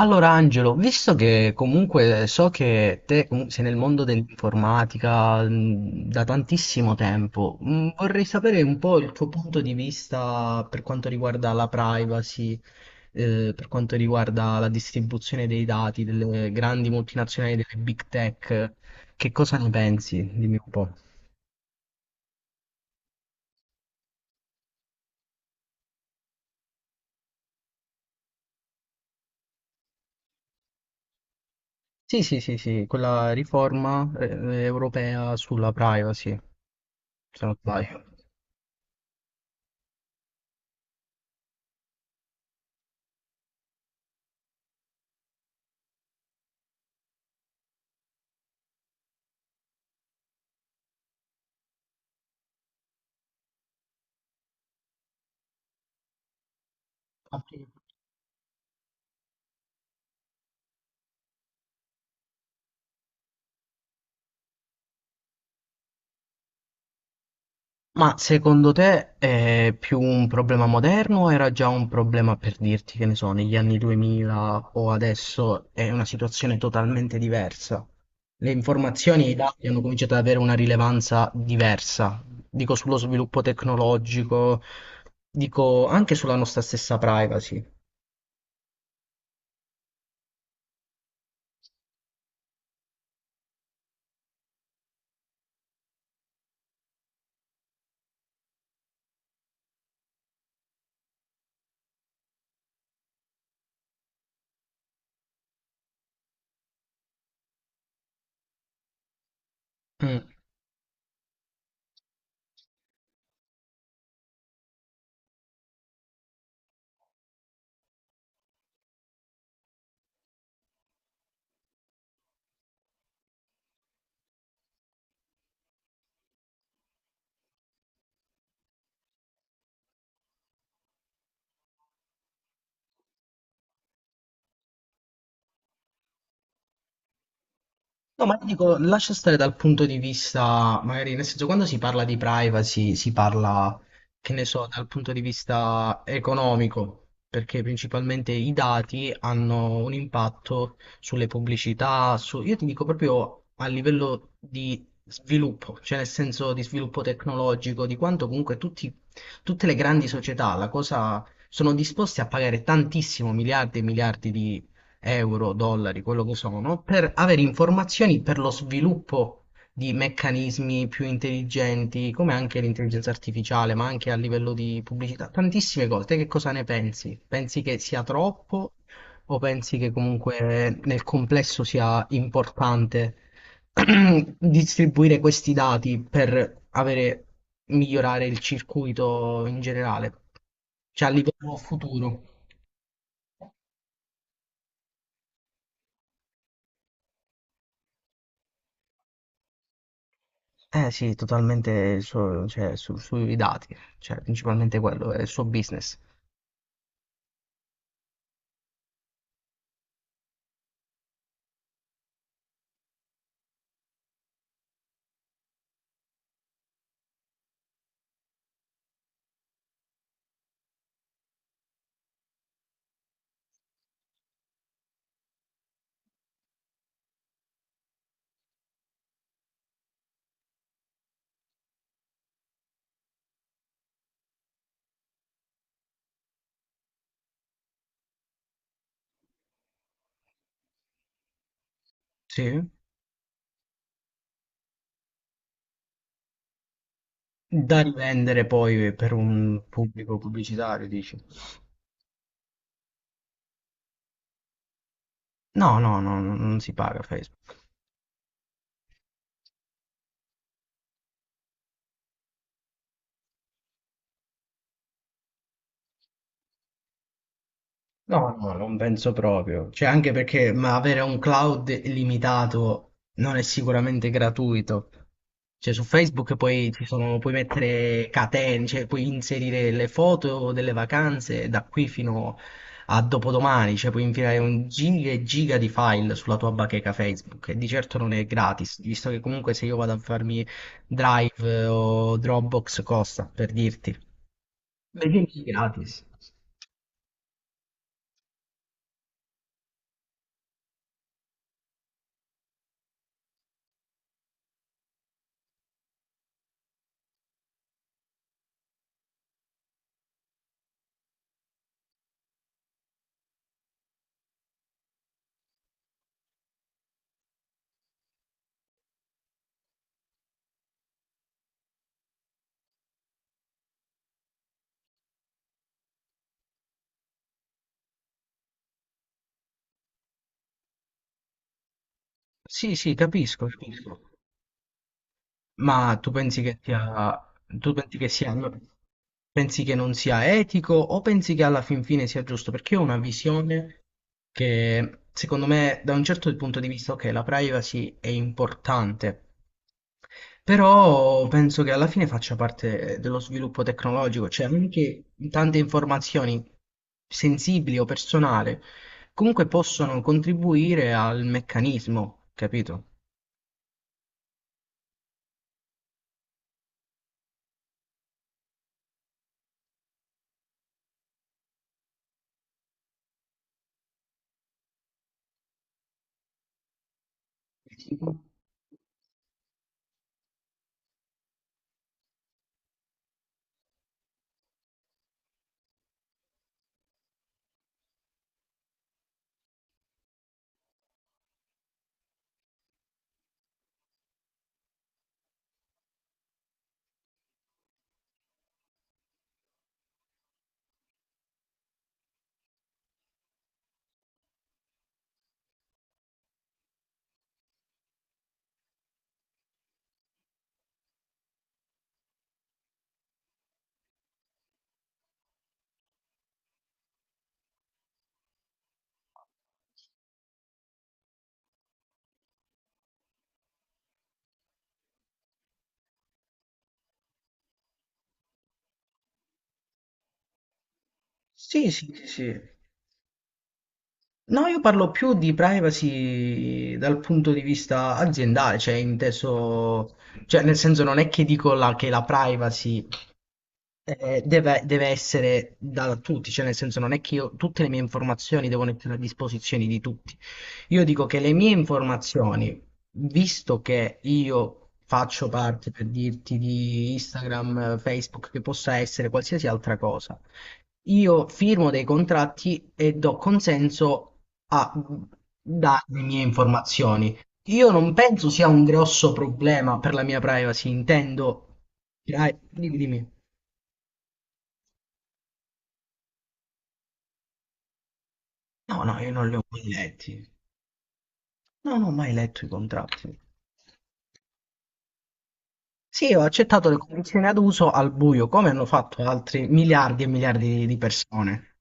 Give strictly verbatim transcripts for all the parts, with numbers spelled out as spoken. Allora Angelo, visto che comunque so che te com- sei nel mondo dell'informatica, mh, da tantissimo tempo, mh, vorrei sapere un po' il tuo punto di vista per quanto riguarda la privacy, eh, per quanto riguarda la distribuzione dei dati delle grandi multinazionali, delle big tech. Che cosa ne pensi? Dimmi un po'. Sì, sì, sì, sì, quella riforma, eh, europea sulla privacy, se non sbaglio. Ma secondo te è più un problema moderno o era già un problema per dirti, che ne so, negli anni duemila, o adesso è una situazione totalmente diversa? Le informazioni e i dati hanno cominciato ad avere una rilevanza diversa, dico sullo sviluppo tecnologico, dico anche sulla nostra stessa privacy. Mm. No, ma io dico, lascia stare dal punto di vista, magari, nel senso, quando si parla di privacy, si parla, che ne so, dal punto di vista economico, perché principalmente i dati hanno un impatto sulle pubblicità, su... io ti dico proprio a livello di sviluppo, cioè nel senso di sviluppo tecnologico, di quanto comunque tutti, tutte le grandi società, la cosa, sono disposte a pagare tantissimo, miliardi e miliardi, euro, dollari, quello che sono, per avere informazioni per lo sviluppo di meccanismi più intelligenti, come anche l'intelligenza artificiale, ma anche a livello di pubblicità, tantissime cose. Te che cosa ne pensi? Pensi che sia troppo o pensi che comunque nel complesso sia importante distribuire questi dati per avere, migliorare il circuito in generale, cioè a livello futuro? Eh sì, totalmente il suo- cioè, su- sui dati, cioè principalmente quello, è il suo business. Sì. Da rivendere poi per un pubblico pubblicitario, dici? No, no, no, non si paga Facebook. No, no, non penso proprio. Cioè, anche perché, ma avere un cloud illimitato non è sicuramente gratuito. Cioè, su Facebook poi ci sono, puoi mettere catene, cioè puoi inserire le foto delle vacanze da qui fino a dopodomani, cioè puoi inviare un giga e giga di file sulla tua bacheca Facebook e di certo non è gratis, visto che comunque se io vado a farmi Drive eh, o Dropbox, costa, per dirti. Beh, è gratis. Sì, sì, capisco, capisco. Ma tu pensi che sia, tu pensi che sia, allora, pensi che non sia etico o pensi che alla fin fine sia giusto? Perché io ho una visione che secondo me, da un certo punto di vista, ok, la privacy è importante, però penso che alla fine faccia parte dello sviluppo tecnologico, cioè anche tante informazioni sensibili o personali comunque possono contribuire al meccanismo, capito? Sì, sì, sì, sì. No, io parlo più di privacy dal punto di vista aziendale, cioè inteso, cioè nel senso non è che dico la- che la privacy, eh, deve, deve essere da tutti, cioè nel senso non è che io, tutte le mie informazioni devono essere a disposizione di tutti. Io dico che le mie informazioni, visto che io faccio parte, per dirti, di Instagram, eh, Facebook, che possa essere qualsiasi altra cosa, io firmo dei contratti e do consenso a dare le mie informazioni. Io non penso sia un grosso problema per la mia privacy, intendo... Dai, dimmi, dimmi. No, no, io non li ho mai letti. No, non ho mai letto i contratti. Sì, ho accettato le condizioni ad uso al buio, come hanno fatto altri miliardi e miliardi di persone.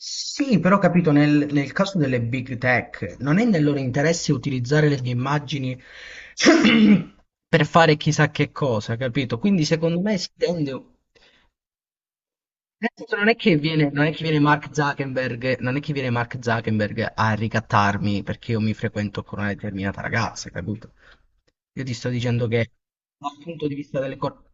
Sì, però capito, nel, nel caso delle big tech, non è nel loro interesse utilizzare le mie immagini per fare chissà che cosa, capito? Quindi secondo me si tende. Nel senso, Non è che viene, non è che viene Mark Zuckerberg, non è che viene Mark Zuckerberg a ricattarmi perché io mi frequento con una determinata ragazza, capito? Io ti sto dicendo che dal punto di vista delle cose.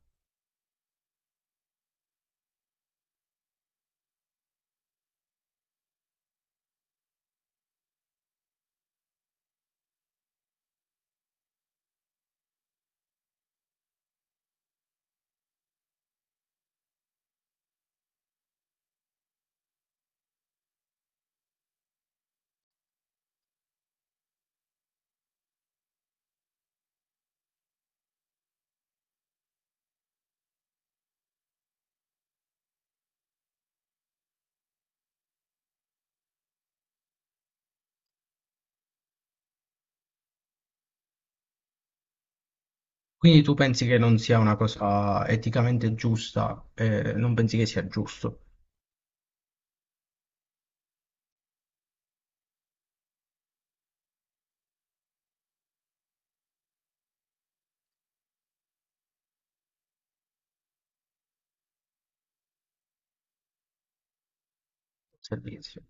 Quindi tu pensi che non sia una cosa eticamente giusta, eh, non pensi che sia giusto il servizio?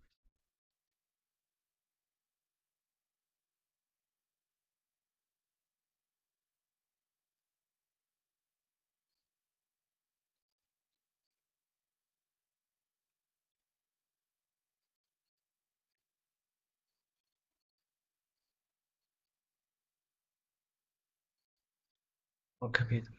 Ho capito,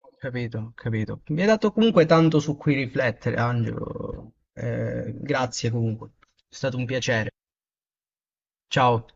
ho capito, ho capito. Mi hai dato comunque tanto su cui riflettere, Angelo. Eh, grazie comunque, è stato un piacere. Ciao.